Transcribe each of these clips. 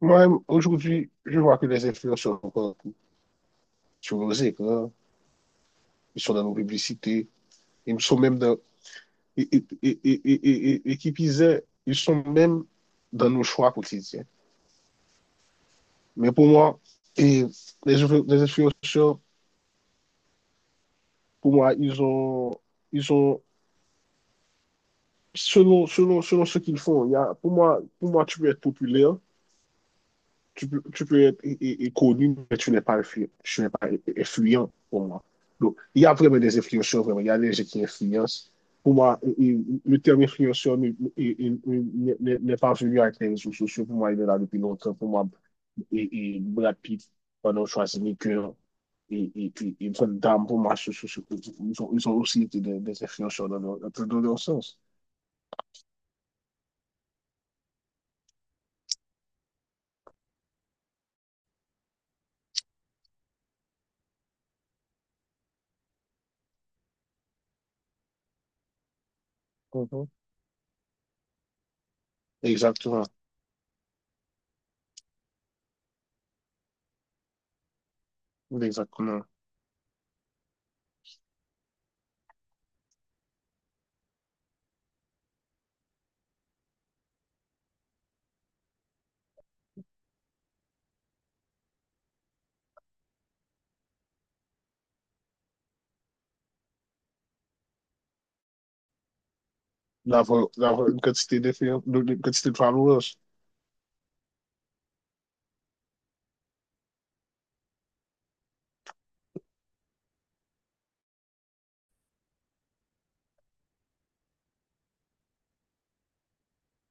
Moi, aujourd'hui, je vois que les influenceurs sont partout, sur nos écrans, ils sont dans nos publicités, ils sont même dans, et qui plus est, ils sont même dans nos choix quotidiens. Mais pour moi, et les influenceurs, pour moi, ils ont, selon ce qu'ils font, il y a, pour moi, tu peux être populaire. Tu peux être connu, mais tu n'es pas influent pour moi. Donc, il y a vraiment des influenceurs, vraiment. Il y a des gens qui influencent. Pour moi, et le terme influenceur n'est pas venu avec les réseaux sociaux. Pour moi, il est là depuis longtemps. Pour moi, Brad Pitt, pendant Schwarzenegger, et Van Damme, pour moi, ils ont aussi été des influenceurs dans leur sens. Mhm. Exactement. Exactement. D'avoir une quantité d'influence, une quantité de followers.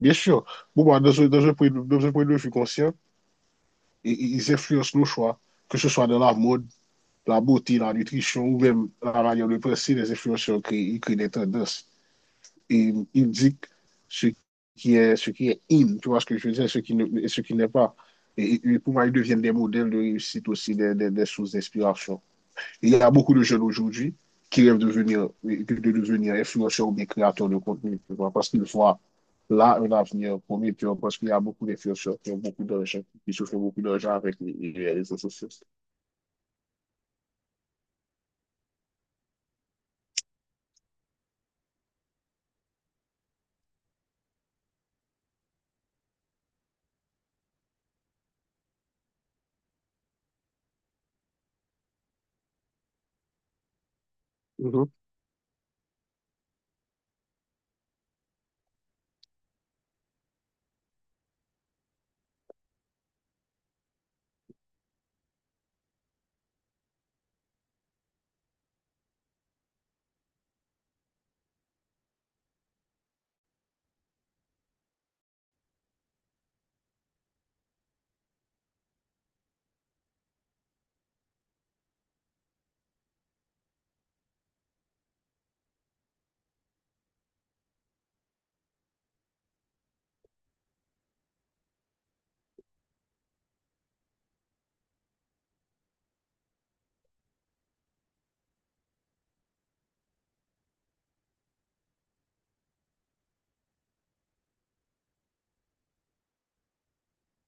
Bien sûr. Bon moi, dans un point de vue conscient, ils influencent nos choix, que ce soit dans la mode, la beauté, la nutrition ou même la manière de penser. Les influenceurs créent, ils créent des tendances. Et ils indiquent ce ce qui est in, tu vois ce que je veux dire, ce qui ne, et ce qui n'est pas. Et pour moi, ils deviennent des modèles de réussite aussi, des sources d'inspiration. Il y a beaucoup de jeunes aujourd'hui qui rêvent de devenir influenceurs ou bien créateurs de contenu, tu vois, parce qu'ils voient là un avenir promis, tu vois, parce qu'il y a beaucoup d'influenceurs qui ont beaucoup d'argent, qui se font beaucoup d'argent avec les réseaux sociaux. Mhm.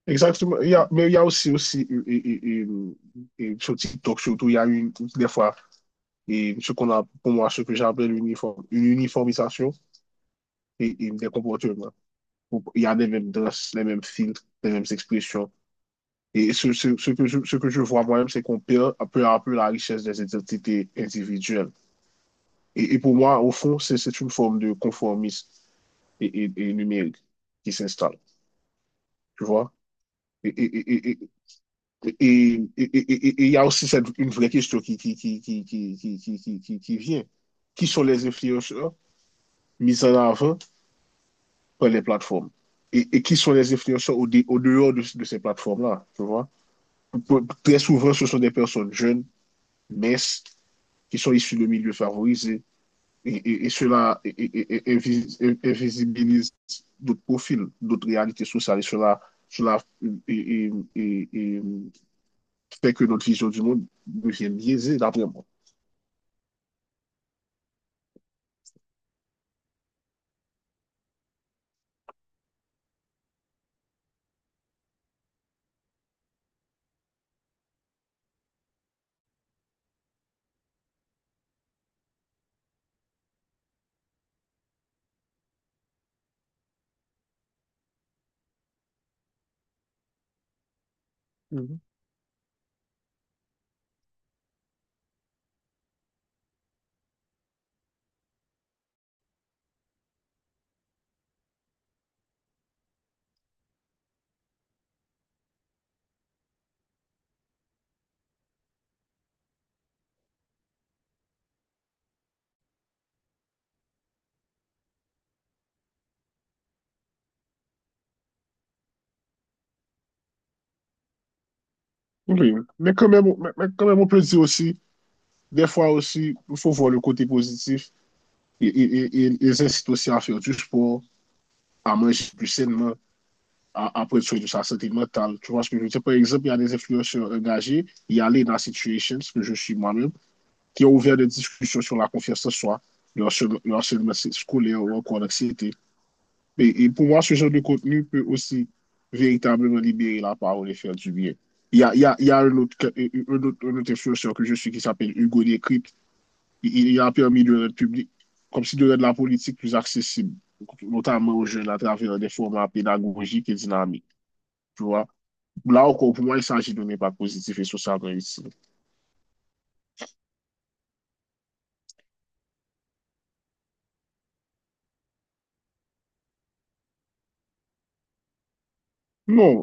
Exactement. Il y a, mais il y a aussi, aussi et, et- et- et sur TikTok, surtout, il y a une, des fois, et ce qu'on a, pour moi, ce que j'appelle une uniformisation des comportements. Il y a les mêmes danses, les mêmes filtres, les mêmes expressions. Et ce que ce que je vois moi-même, c'est qu'on perd peu à peu la richesse des identités individuelles. Et pour moi, au fond, c'est une forme de conformisme et numérique qui s'installe, tu vois? Et et- et- et- et- et- et- et il y a aussi cette, une vraie question qui vient. Qui sont les influenceurs mis en avant par les plateformes? Et qui sont les influenceurs au, au dehors de ces plateformes-là, tu vois? Très souvent, ce sont des personnes jeunes, minces, qui sont issus de milieux favorisés. Et cela invisibilise d'autres profils, d'autres réalités sociales. Et cela, cela fait que notre vision du monde devient biaisée, d'après moi. Mm -hmm. Oui, mais mais quand même, on peut dire aussi, des fois aussi, il faut voir le côté positif. Et, ils incitent aussi à faire du sport, à manger plus sainement, après tout de sa santé mentale. Tu vois ce que je veux dire? Par exemple, il y a des influenceurs engagés, il y a Lena Situations, que je suis moi-même, qui ont ouvert des discussions sur la confiance en soi, le harcèlement scolaire ou encore l'anxiété. Et pour moi, ce genre de contenu peut aussi véritablement libérer la parole et faire du bien. Il y a un autre influenceur que je suis qui s'appelle Hugo Décrypte. Il a permis de rendre public, comme si de rendre la politique plus accessible, notamment aux jeunes à travers des formats pédagogiques et dynamiques. Tu vois? Là encore, pour moi, il s'agit de ne pas positif et socialement utile. Non,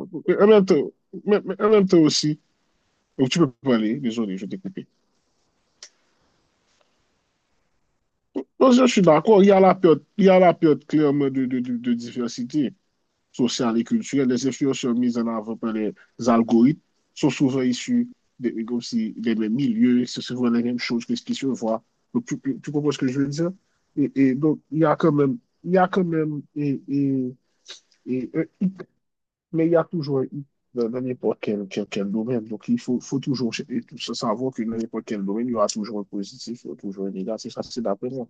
en même temps, mais en même temps aussi, donc tu peux parler, désolé, je t'ai coupé. Non, je suis d'accord, il y a la période clairement de diversité sociale et culturelle. Les influenceurs mises en avant par les algorithmes sont souvent issus des, comme si, des mêmes milieux, c'est souvent les mêmes choses que ce qui se voit. Donc, tu comprends ce que je veux dire? Et donc, il y a quand même, et, et, mais il y a toujours un hic dans n'importe quel domaine. Donc, faut toujours savoir que dans n'importe quel domaine, il y aura toujours un positif, il y aura toujours un négatif. Ça, c'est d'après moi.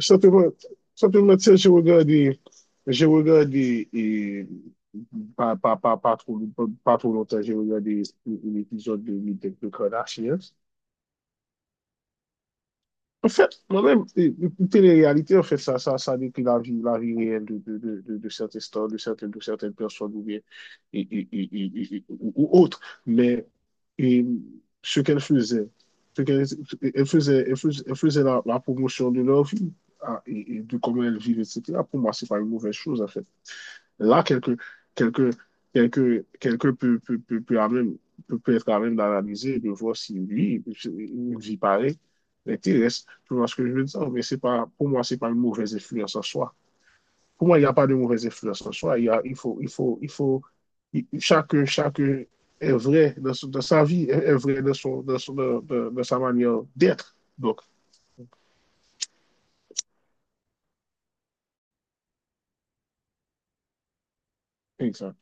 Simplement, simplement, tu j'ai regardé, pas trop longtemps, j'ai regardé un épisode de Meet the Kardashians. En fait, moi-même, télé-réalité, en fait, ça décrit la vie réelle de certaines stars, de certaines personnes ou bien, ou autres. Mais et, ce qu'elles faisaient, ce qu'elles elle faisait la, la promotion de leur vie, ah, et de comment elles vivent, etc. Pour moi, c'est pas une mauvaise chose, en fait. Là, quelqu'un quelqu'un peut à même, peut être à même d'analyser et de voir si lui, une vie pareille, l'intéresse. Tu vois ce que je veux dire? Mais c'est pas, pour moi, c'est pas une mauvaise influence en soi. Pour moi, il n'y a pas de mauvaise influence en soi. Il y a, il faut, chacun, chacun est vrai dans, dans sa vie, est, est vrai dans, son, dans, son- dans, dans- dans sa manière d'être. Donc, exact.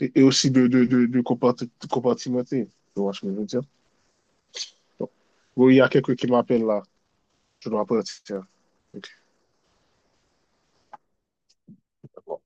Et aussi de compartimenter. Tu vois ce que je veux dire? Donc, oui, il y a quelqu'un qui m'appelle là. Je me rappelle, tiens. Ok. Bon,